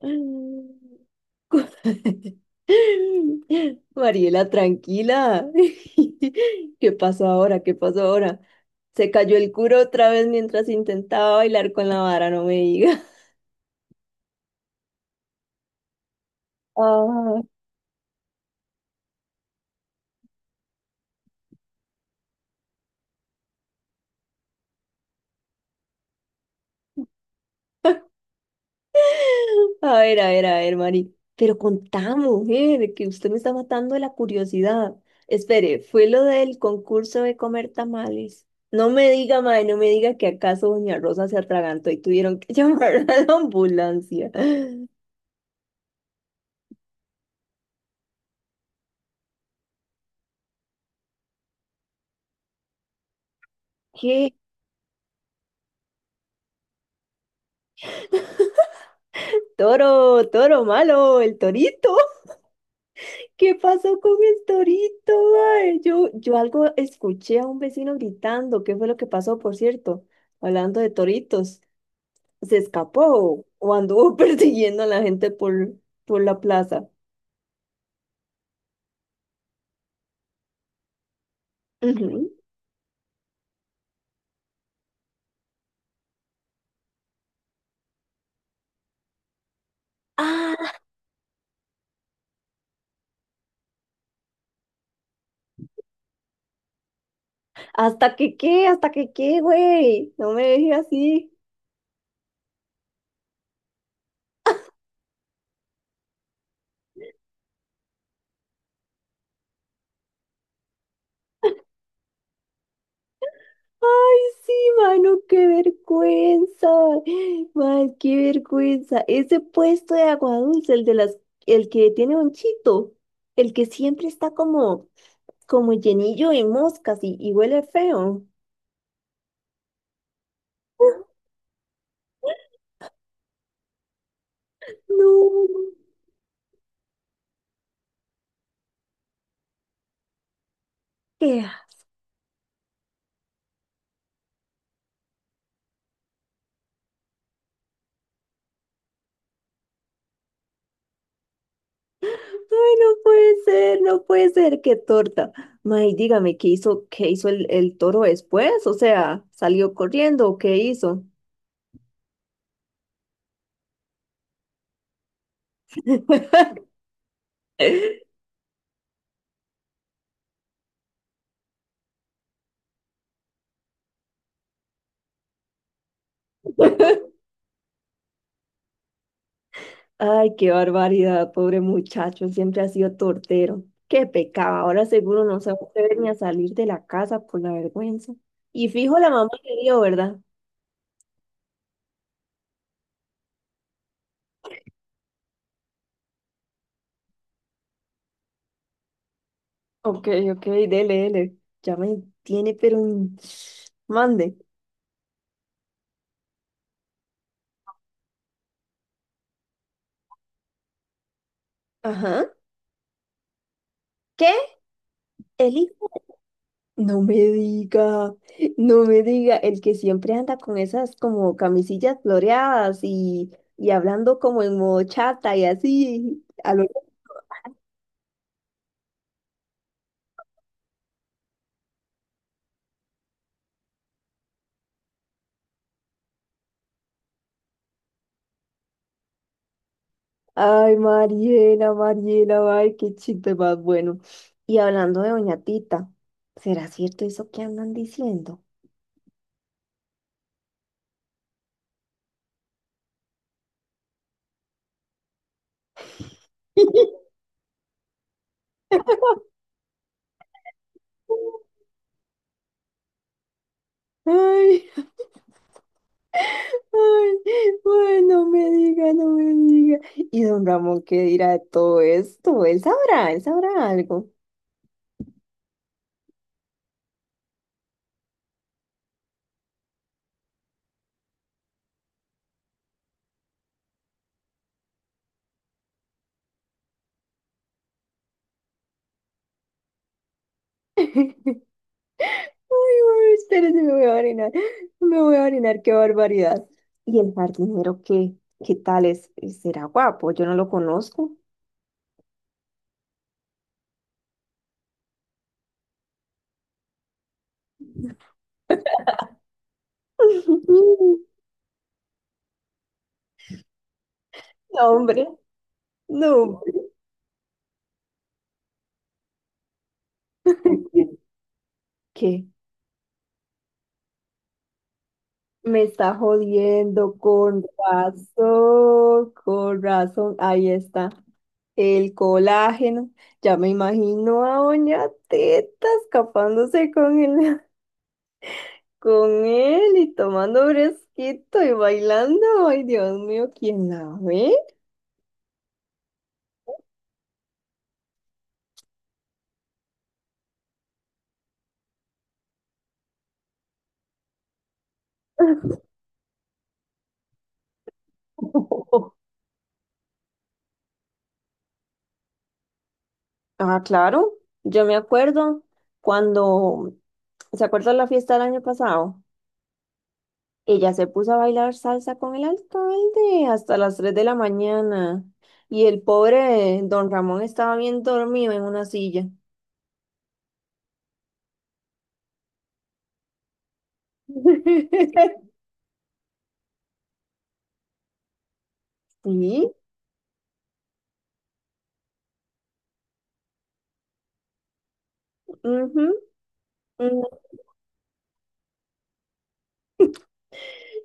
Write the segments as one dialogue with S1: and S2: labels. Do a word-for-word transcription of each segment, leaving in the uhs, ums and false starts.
S1: Mariela, tranquila. ¿Qué pasó ahora? ¿Qué pasó ahora? Se cayó el curo otra vez mientras intentaba bailar con la vara, no me diga. Ah. A ver, a ver, a ver, Mari. Pero contá, mujer, que usted me está matando de la curiosidad. Espere, fue lo del concurso de comer tamales. No me diga, mae, no me diga que acaso Doña Rosa se atragantó y tuvieron que llamar a la ambulancia. ¿Qué? Toro, toro malo, el torito. ¿Qué pasó con el torito, mae? yo, yo algo escuché a un vecino gritando. ¿Qué fue lo que pasó, por cierto? Hablando de toritos, ¿se escapó o anduvo persiguiendo a la gente por, por la plaza? Ujú. Ah, hasta que qué, hasta que qué, güey. No me dejes así. Sí, mano, qué vergüenza. Man, qué vergüenza. Ese puesto de agua dulce, el de las, el que tiene un chito, el que siempre está como, como llenillo de moscas y, y huele feo. No, qué. Ay, no puede ser, no puede ser, qué torta. May, dígame, ¿qué hizo, qué hizo el, el toro después? O sea, ¿salió corriendo o qué hizo? Ay, qué barbaridad, pobre muchacho, siempre ha sido tortero. Qué pecado, ahora seguro no se va a atrever ni a salir de la casa por la vergüenza. Y fijo la mamá que dio, ¿verdad? Ok, ok, dele, dele. Ya me tiene, pero... en- Mande. Ajá. ¿Qué? Eli. No me diga, no me diga, el que siempre anda con esas como camisillas floreadas y, y hablando como en modo chata y así, a lo... Ay, Mariela, Mariela, ay, qué chiste más bueno. Y hablando de Doña Tita, ¿será cierto eso que andan diciendo? Ay, ay, ay, no me diga, no me diga. ¿Y don Ramón qué dirá de todo esto? Él sabrá, él sabrá algo. Ay, ay, espérense, me voy a orinar, me voy a orinar, qué barbaridad. ¿Y el jardinero qué? ¿Qué tal es? ¿Será guapo? Yo no lo conozco. No, hombre, no, hombre. ¿Qué? Me está jodiendo, con razón, con razón. Ahí está. El colágeno. Ya me imagino a Doña Teta escapándose con él, con él y tomando fresquito y bailando. Ay, Dios mío, ¿quién la ve? Ah, claro. Yo me acuerdo cuando, ¿se acuerda la fiesta del año pasado? Ella se puso a bailar salsa con el alcalde hasta las tres de la mañana y el pobre don Ramón estaba bien dormido en una silla. Sí, ujú, ujú.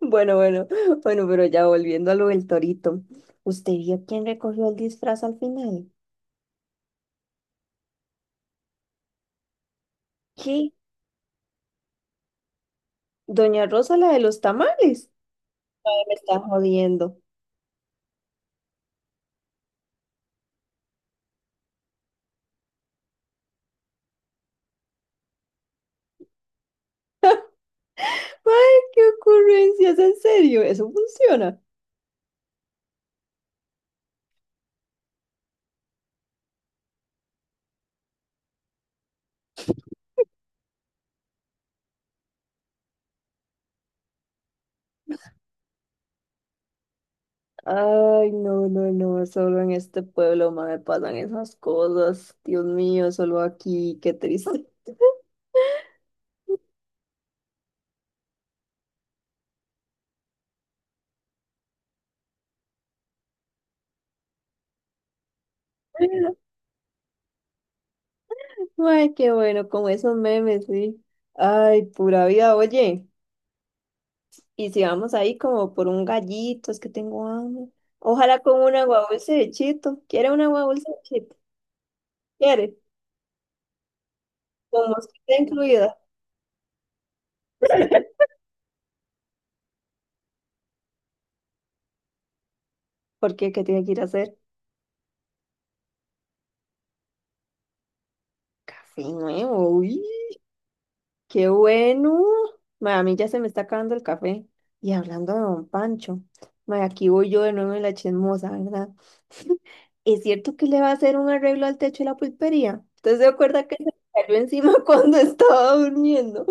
S1: Bueno, bueno, bueno, pero ya volviendo a lo del torito. ¿Usted vio quién recogió el disfraz al final? ¿Qué? Doña Rosa, la de los tamales. Ay, me está jodiendo. Ay, qué ocurrencias, en serio, ¿eso funciona? Ay, no, no, no, solo en este pueblo me pasan esas cosas. Dios mío, solo aquí, qué triste. Ay, qué bueno, con esos memes, sí. Ay, pura vida, oye. Y si vamos ahí como por un gallito, es que tengo hambre. Ojalá con una guagulce de chito. ¿Quiere una guagulce de chito? ¿Quiere? Con mosquita incluida. Porque, ¿qué? ¿Qué tiene que ir a hacer? Café nuevo, uy. Qué bueno. Ma, a mí ya se me está acabando el café. Y hablando de don Pancho, ma, aquí voy yo de nuevo en la chismosa, ¿verdad? ¿Es cierto que le va a hacer un arreglo al techo de la pulpería? ¿Usted se acuerda que se le cayó encima cuando estaba durmiendo?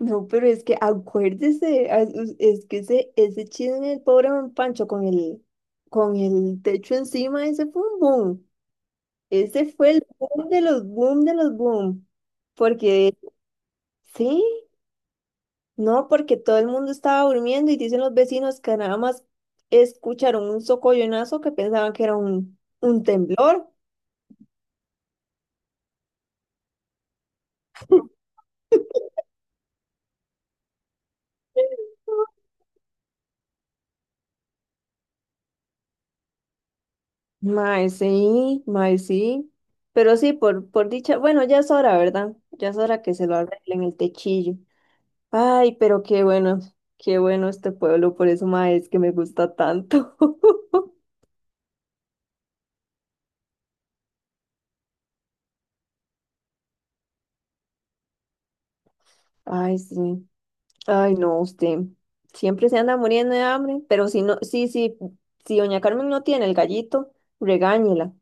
S1: No, pero es que acuérdese, as- us- es que ese, ese chisme del pobre don Pancho con el, con el techo encima, ese fue un boom. Ese fue el boom de los boom de los boom. Porque, sí. No, porque todo el mundo estaba durmiendo y dicen los vecinos que nada más escucharon un socollonazo que pensaban que era un, un temblor. Mae, sí, mae, sí. Pero sí, por, por dicha, bueno, ya es hora, ¿verdad? Ya es hora que se lo arreglen el techillo. Ay, pero qué bueno, qué bueno este pueblo, por eso, mae, es que me gusta tanto. Ay, sí. Ay, no, usted siempre se anda muriendo de hambre, pero si no, sí, sí, si doña Carmen no tiene el gallito, regáñela.